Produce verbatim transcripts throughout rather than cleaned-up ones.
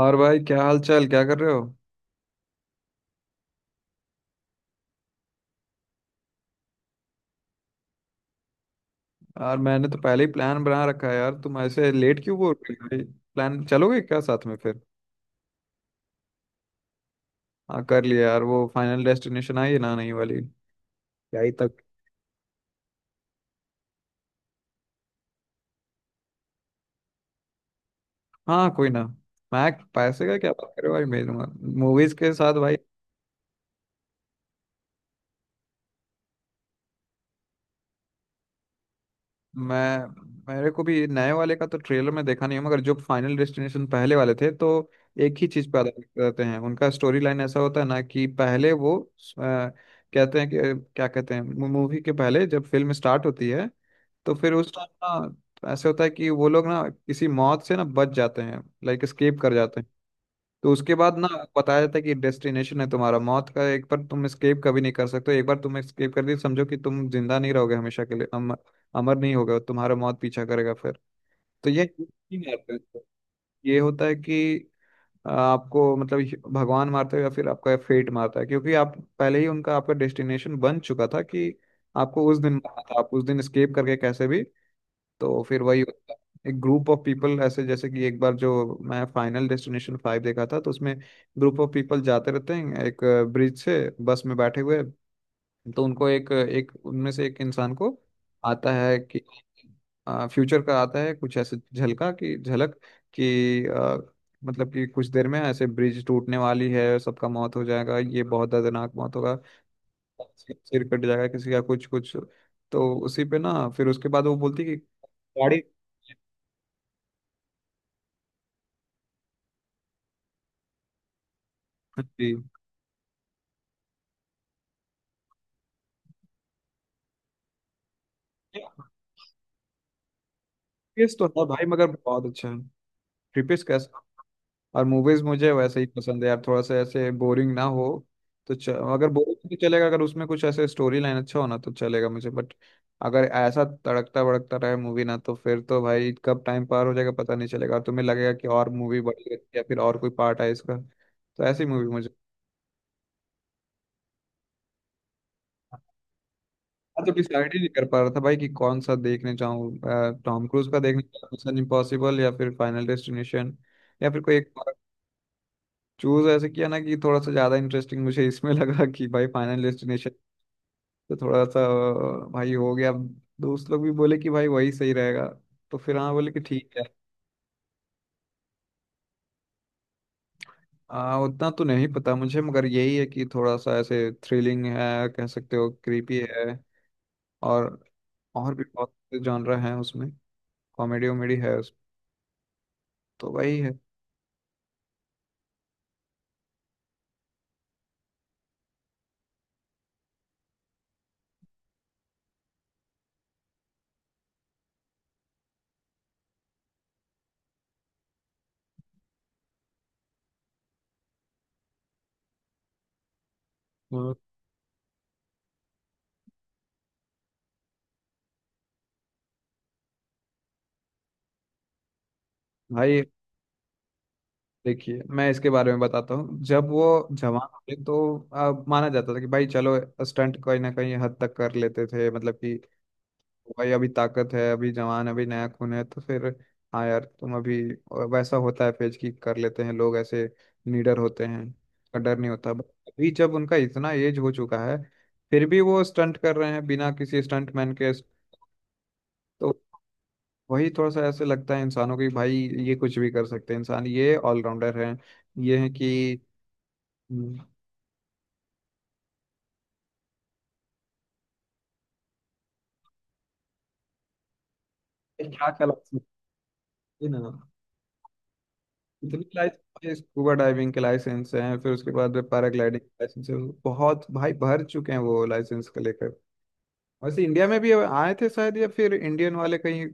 और भाई क्या हाल चाल, क्या कर रहे हो? यार मैंने तो पहले ही प्लान बना रखा है। यार तुम ऐसे लेट क्यों बोल रहे हो भाई? प्लान चलोगे क्या साथ में फिर? हाँ कर लिया यार, वो फाइनल डेस्टिनेशन आई है ना, नहीं वाली। क्या ही तक। हाँ कोई ना। मैं पैसे का क्या बात कर रहे हो भाई, मेरे मूवीज के साथ भाई। मैं मेरे को भी नए वाले का तो ट्रेलर में देखा नहीं है, मगर जो फाइनल डेस्टिनेशन पहले वाले थे तो एक ही चीज पे आधारित रहते हैं। उनका स्टोरी लाइन ऐसा होता है ना कि पहले वो अ, कहते हैं कि क्या कहते हैं। मूवी के पहले जब फिल्म स्टार्ट होती है, तो फिर उस टाइम ना ऐसे होता है कि वो लोग ना किसी मौत से ना बच जाते हैं, लाइक एस्केप कर जाते हैं। तो उसके बाद ना बताया जाता है कि डेस्टिनेशन है तुम्हारा मौत का, एक बार तुम एस्केप कभी नहीं कर सकते हो। एक बार तुम एस्केप कर दी समझो कि तुम जिंदा नहीं रहोगे हमेशा के लिए, अम, अमर नहीं होगा, तुम्हारा मौत पीछा करेगा फिर। तो ये नहीं मारते हैं इसको। ये होता है कि आ, आपको मतलब ये भगवान मारता है या फिर आपका फेट मारता है, क्योंकि आप पहले ही उनका आपका डेस्टिनेशन बन चुका था कि आपको उस दिन मारना था, आप उस दिन एस्केप करके कैसे भी। तो फिर वही होता है। एक ग्रुप ऑफ पीपल ऐसे, जैसे कि एक बार जो मैं फाइनल डेस्टिनेशन फाइव देखा था तो उसमें ग्रुप ऑफ पीपल जाते रहते हैं एक ब्रिज से, बस में बैठे हुए। तो उनको एक एक, उनमें से एक इंसान को आता है कि फ्यूचर का आता है, कुछ ऐसे झलका कि झलक कि आ, मतलब कि कुछ देर में ऐसे ब्रिज टूटने वाली है, सबका मौत हो जाएगा, ये बहुत दर्दनाक मौत होगा। सिर सिर कट जाएगा किसी का, कुछ कुछ। तो उसी पे ना फिर उसके बाद वो बोलती है कि गाड़ी। थ्रीपीस तो है भाई, मगर बहुत अच्छा है। थ्रीपीस कैसा। और मूवीज मुझे वैसे ही पसंद है यार, थोड़ा सा ऐसे बोरिंग ना हो तो च, अगर बोरिंग तो चलेगा, अगर उसमें कुछ ऐसे स्टोरी लाइन अच्छा होना तो चलेगा मुझे, बट अगर ऐसा तड़कता भड़कता रहे मूवी ना तो फिर तो भाई कब टाइम पार हो जाएगा पता नहीं चलेगा, और तुम्हें लगेगा कि और मूवी बढ़ी रहती है या फिर और कोई पार्ट है इसका, तो ऐसी मूवी मुझे। मैं तो डिसाइड ही नहीं कर पा रहा था भाई कि कौन सा देखने जाऊं, अ, टॉम क्रूज का देखने जाऊं मिशन इम्पॉसिबल या फिर फाइनल डेस्टिनेशन, या फिर कोई एक। चूज ऐसे किया ना कि थोड़ा सा ज्यादा इंटरेस्टिंग मुझे इसमें लगा कि भाई फाइनल डेस्टिनेशन। तो थोड़ा सा अ, भाई हो गया अब, दोस्त लोग भी बोले कि भाई वही सही रहेगा, तो फिर हाँ बोले कि ठीक है। आ, उतना तो नहीं पता मुझे, मगर यही है कि थोड़ा सा ऐसे थ्रिलिंग है, कह सकते हो क्रीपी है। और और भी बहुत जॉनर हैं उसमें। कॉमेडी वॉमेडी है उस, तो वही है। हाँ, भाई देखिए मैं इसके बारे में बताता हूँ। जब वो जवान थे तो आ, माना जाता था कि भाई चलो स्टंट कहीं ना कहीं हद तक कर लेते थे, मतलब कि भाई अभी ताकत है, अभी जवान, अभी नया खून है तो फिर। हाँ यार तुम अभी वैसा होता है, फेज की कर लेते हैं लोग ऐसे, निडर होते हैं, का डर नहीं होता, बट अभी जब उनका इतना एज हो चुका है फिर भी वो स्टंट कर रहे हैं बिना किसी स्टंट मैन के। तो वही थोड़ा सा ऐसे लगता है इंसानों को कि भाई ये कुछ भी कर सकते हैं, इंसान ये ऑलराउंडर हैं, ये है कि क्या क्या license है ना। इतनी लाइसेंस, स्कूबा डाइविंग के लाइसेंस हैं, फिर उसके बाद पैराग्लाइडिंग लाइसेंस है। बहुत भाई भर चुके हैं वो लाइसेंस को लेकर। वैसे इंडिया में भी आए थे शायद, या फिर इंडियन वाले कहीं अ,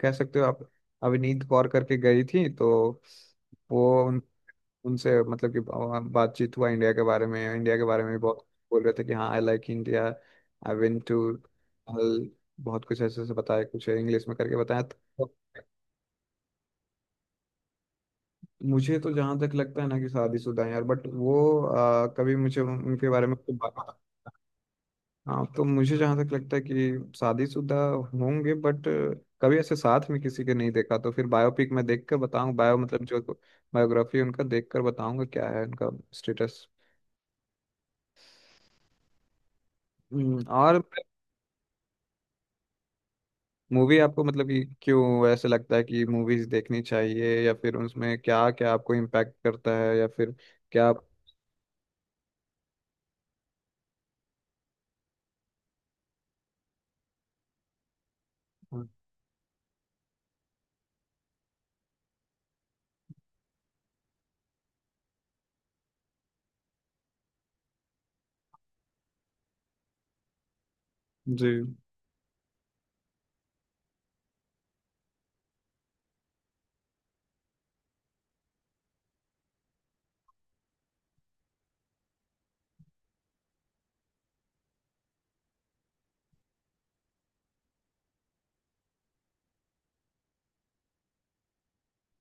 कह सकते हो आप, अविनीत कौर करके गई थी तो वो उन उनसे मतलब कि बा- बातचीत हुआ इंडिया के बारे में। इंडिया के बारे में भी बहुत बोल रहे थे कि हाँ I like India, I went to, बहुत कुछ ऐसे ऐसे बताया, कुछ इंग्लिश में करके बताया तो। मुझे तो जहां तक लगता है ना कि शादीशुदा है यार, बट वो आ, कभी मुझे उनके बारे में तो बात। हाँ तो मुझे जहां तक लगता है कि शादीशुदा होंगे, बट कभी ऐसे साथ में किसी के नहीं देखा, तो फिर बायोपिक में देख कर बताऊँ, बायो मतलब जो बायोग्राफी उनका देख कर बताऊंगा क्या है उनका स्टेटस। हम्म, और मूवी आपको मतलब कि क्यों ऐसे लगता है कि मूवीज देखनी चाहिए, या फिर उसमें क्या क्या आपको इम्पैक्ट करता है, या फिर क्या आप- हाँ, जी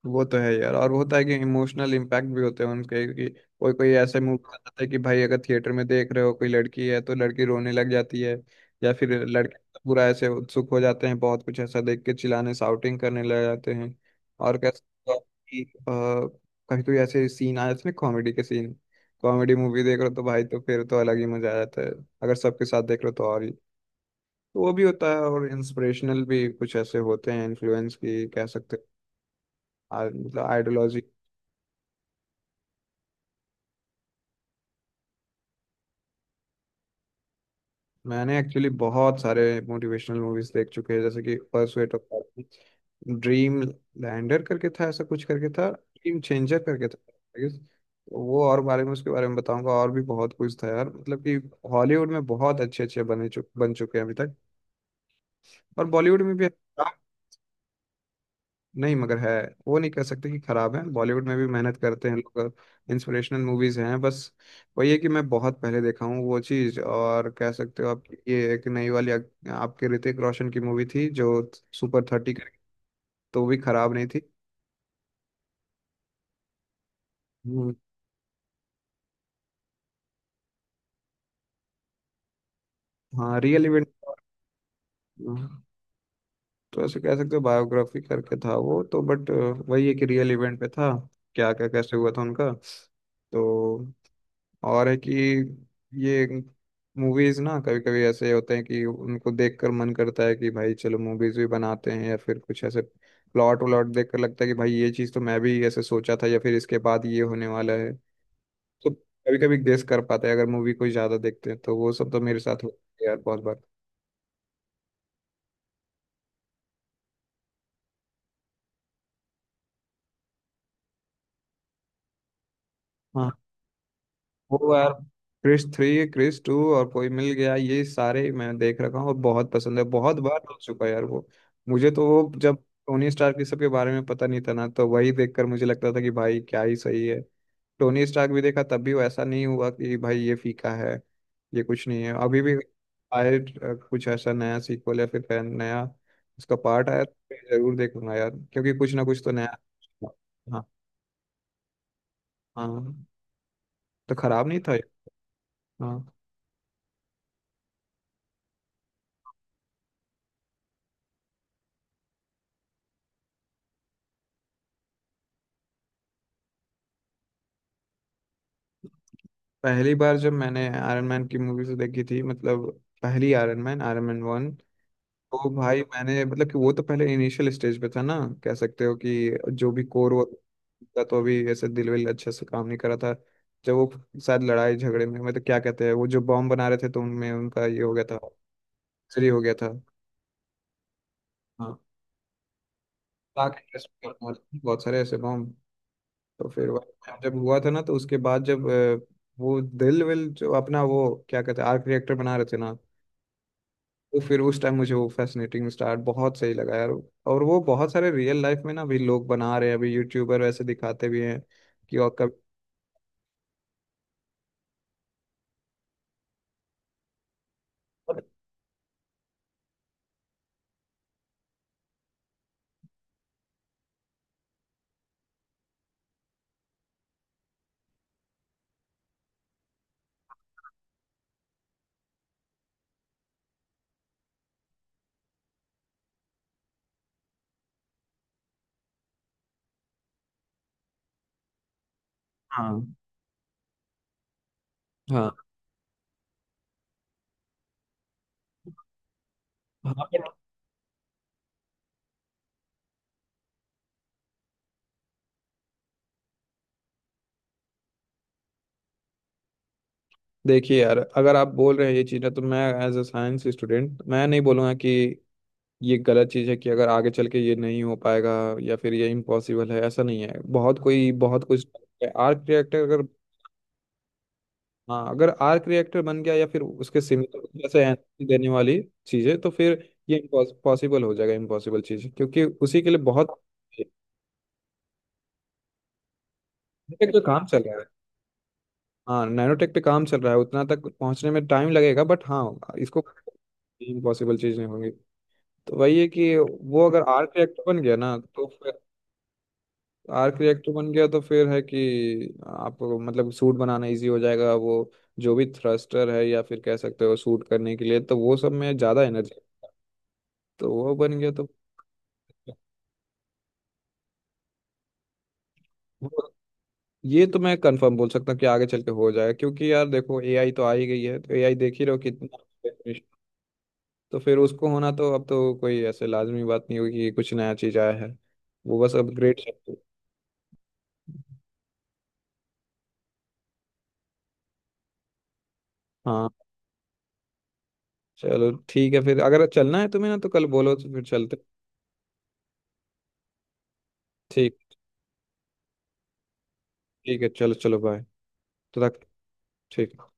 वो तो है यार, और होता है कि इमोशनल इम्पैक्ट भी होते हैं उनके कि कोई कोई ऐसे मूवी बताते हैं कि भाई अगर थिएटर में देख रहे हो, कोई लड़की है तो लड़की रोने लग जाती है, या फिर लड़के पूरा ऐसे उत्सुक हो जाते हैं, बहुत कुछ ऐसा देख के चिल्लाने साउटिंग करने लग जाते हैं, और कैसे। कि, अ, कभी कोई ऐसे सीन आए इसमें, कॉमेडी के सीन, कॉमेडी मूवी देख रहे हो तो भाई, तो फिर तो अलग ही मजा आ जाता है, अगर सबके साथ देख रहे हो तो और ही। तो वो भी होता है, और इंस्पिरेशनल भी कुछ ऐसे होते हैं, इन्फ्लुएंस की कह सकते हैं, आ- मतलब आइडियोलॉजी। मैंने एक्चुअली बहुत सारे मोटिवेशनल मूवीज देख चुके हैं, जैसे कि pursuit of happiness, dream lander करके था, ऐसा कुछ करके था, ड्रीम चेंजर करके था I guess। तो वो और बारे में, उसके बारे में बताऊंगा। और भी बहुत कुछ था यार, मतलब कि हॉलीवुड में बहुत अच्छे अच्छे बने चुक बन चुके हैं अभी तक, और बॉलीवुड में भी। नहीं मगर है, वो नहीं कह सकते कि खराब है, बॉलीवुड में भी मेहनत करते हैं लोग, इंस्पिरेशनल मूवीज हैं बस। वही है कि मैं बहुत पहले देखा हूँ वो चीज़, और कह सकते हो आप कि ये एक नई वाली आप- आपके ऋतिक रोशन की मूवी थी, जो सुपर थर्टी करके, तो वो भी खराब नहीं थी। हम्म, हाँ रियल इवेंट। तो ऐसे कह सकते हो बायोग्राफी करके था वो तो, बट वही है कि रियल इवेंट पे था, क्या क्या कैसे हुआ था उनका। तो और है कि ये मूवीज ना कभी कभी ऐसे होते हैं कि उनको देखकर मन करता है कि भाई चलो मूवीज भी बनाते हैं, या फिर कुछ ऐसे प्लॉट व्लॉट देखकर लगता है कि भाई ये चीज़ तो मैं भी ऐसे सोचा था, या फिर इसके बाद ये होने वाला है। तो कभी कभी गेस कर पाते हैं अगर मूवी कोई ज्यादा देखते हैं, तो वो सब तो मेरे साथ होता है यार बहुत बार। वो यार क्रिश थ्री, क्रिश टू और कोई मिल गया, ये सारे मैं देख रखा हूँ और बहुत पसंद है, बहुत बार देख चुका है यार वो। मुझे तो वो जब टोनी स्टार्क, ये सब के बारे में पता नहीं था ना, तो वही देखकर मुझे लगता था कि भाई क्या ही सही है। टोनी स्टार्क भी देखा तब भी वो ऐसा नहीं हुआ कि भाई ये फीका है, ये कुछ नहीं है। अभी भी आए अ, कुछ ऐसा नया सीक्वल या फिर फैन नया उसका पार्ट आया तो मैं जरूर देखूंगा यार, क्योंकि कुछ ना कुछ तो नया। हाँ हाँ, तो खराब नहीं था ये। हाँ पहली बार जब मैंने आयरन मैन की मूवीज देखी थी, मतलब पहली Iron Man, Iron Man one, तो भाई मैंने मतलब कि वो तो पहले इनिशियल स्टेज पे था ना, कह सकते हो कि जो भी कोर था, तो अभी ऐसे दिल विल अच्छे से काम नहीं करा था। जब वो शायद लड़ाई झगड़े में, मतलब क्या कहते हैं, वो जो बॉम्ब बना रहे थे तो उनमें उनका ये हो गया था, फ्री हो गया था। हाँ ताकि interest में बहुत बहुत सारे ऐसे बॉम्ब। तो फिर वह- जब हुआ था ना, तो उसके बाद जब अ, वो दिल विल जो अपना वो क्या कहते हैं आर्क रिएक्टर बना रहे थे ना। तो फिर उस टाइम मुझे वो फैसिनेटिंग स्टार बहुत सही लगा यार, और वो बहुत सारे रियल लाइफ में ना अभी लोग बना रहे हैं, अभी यूट्यूबर वैसे दिखाते भी हैं कि, और कभी। देखिए यार अगर आप बोल रहे हैं ये चीज़ें, तो मैं एज अ साइंस स्टूडेंट, मैं नहीं बोलूँगा कि ये गलत चीज़ है कि अगर आगे चल के ये नहीं हो पाएगा, या फिर ये इम्पॉसिबल है, ऐसा नहीं है, बहुत कोई बहुत कुछ। आर्ट रिएक्टर अगर। हाँ अगर आर्क रिएक्टर बन गया, या फिर उसके सिमिलर जैसे एनर्जी देने वाली चीजें, तो फिर ये पॉसिबल हो जाएगा, इम्पॉसिबल चीज, क्योंकि उसी के लिए बहुत। नैनोटेक पे काम चल रहा है। हाँ नैनोटेक पे काम चल रहा है, उतना तक पहुंचने में टाइम लगेगा, बट हाँ इसको इम्पॉसिबल चीज नहीं होगी। तो वही है कि वो अगर आर्क रिएक्टर बन गया ना तो फिर, आर्क रिएक्टर बन गया तो फिर है कि आपको मतलब सूट बनाना इजी हो जाएगा, वो जो भी थ्रस्टर है, या फिर कह सकते हो सूट करने के लिए, तो वो सब में ज्यादा एनर्जी। तो वो बन गया तो। वो- ये तो मैं कंफर्म बोल सकता हूँ कि आगे चल के हो जाएगा, क्योंकि यार देखो ए आई तो आ ही गई है, तो ए आई देख ही रहो कितना। तो फिर उसको होना तो अब तो कोई ऐसे लाजमी बात नहीं होगी कि कुछ नया चीज आया है, वो बस अपग्रेड। हाँ चलो ठीक है, फिर अगर चलना है तुम्हें ना तो कल बोलो, तो फिर चलते। ठीक। ठीक है, चलो चलो बाय। तो तक। ठीक।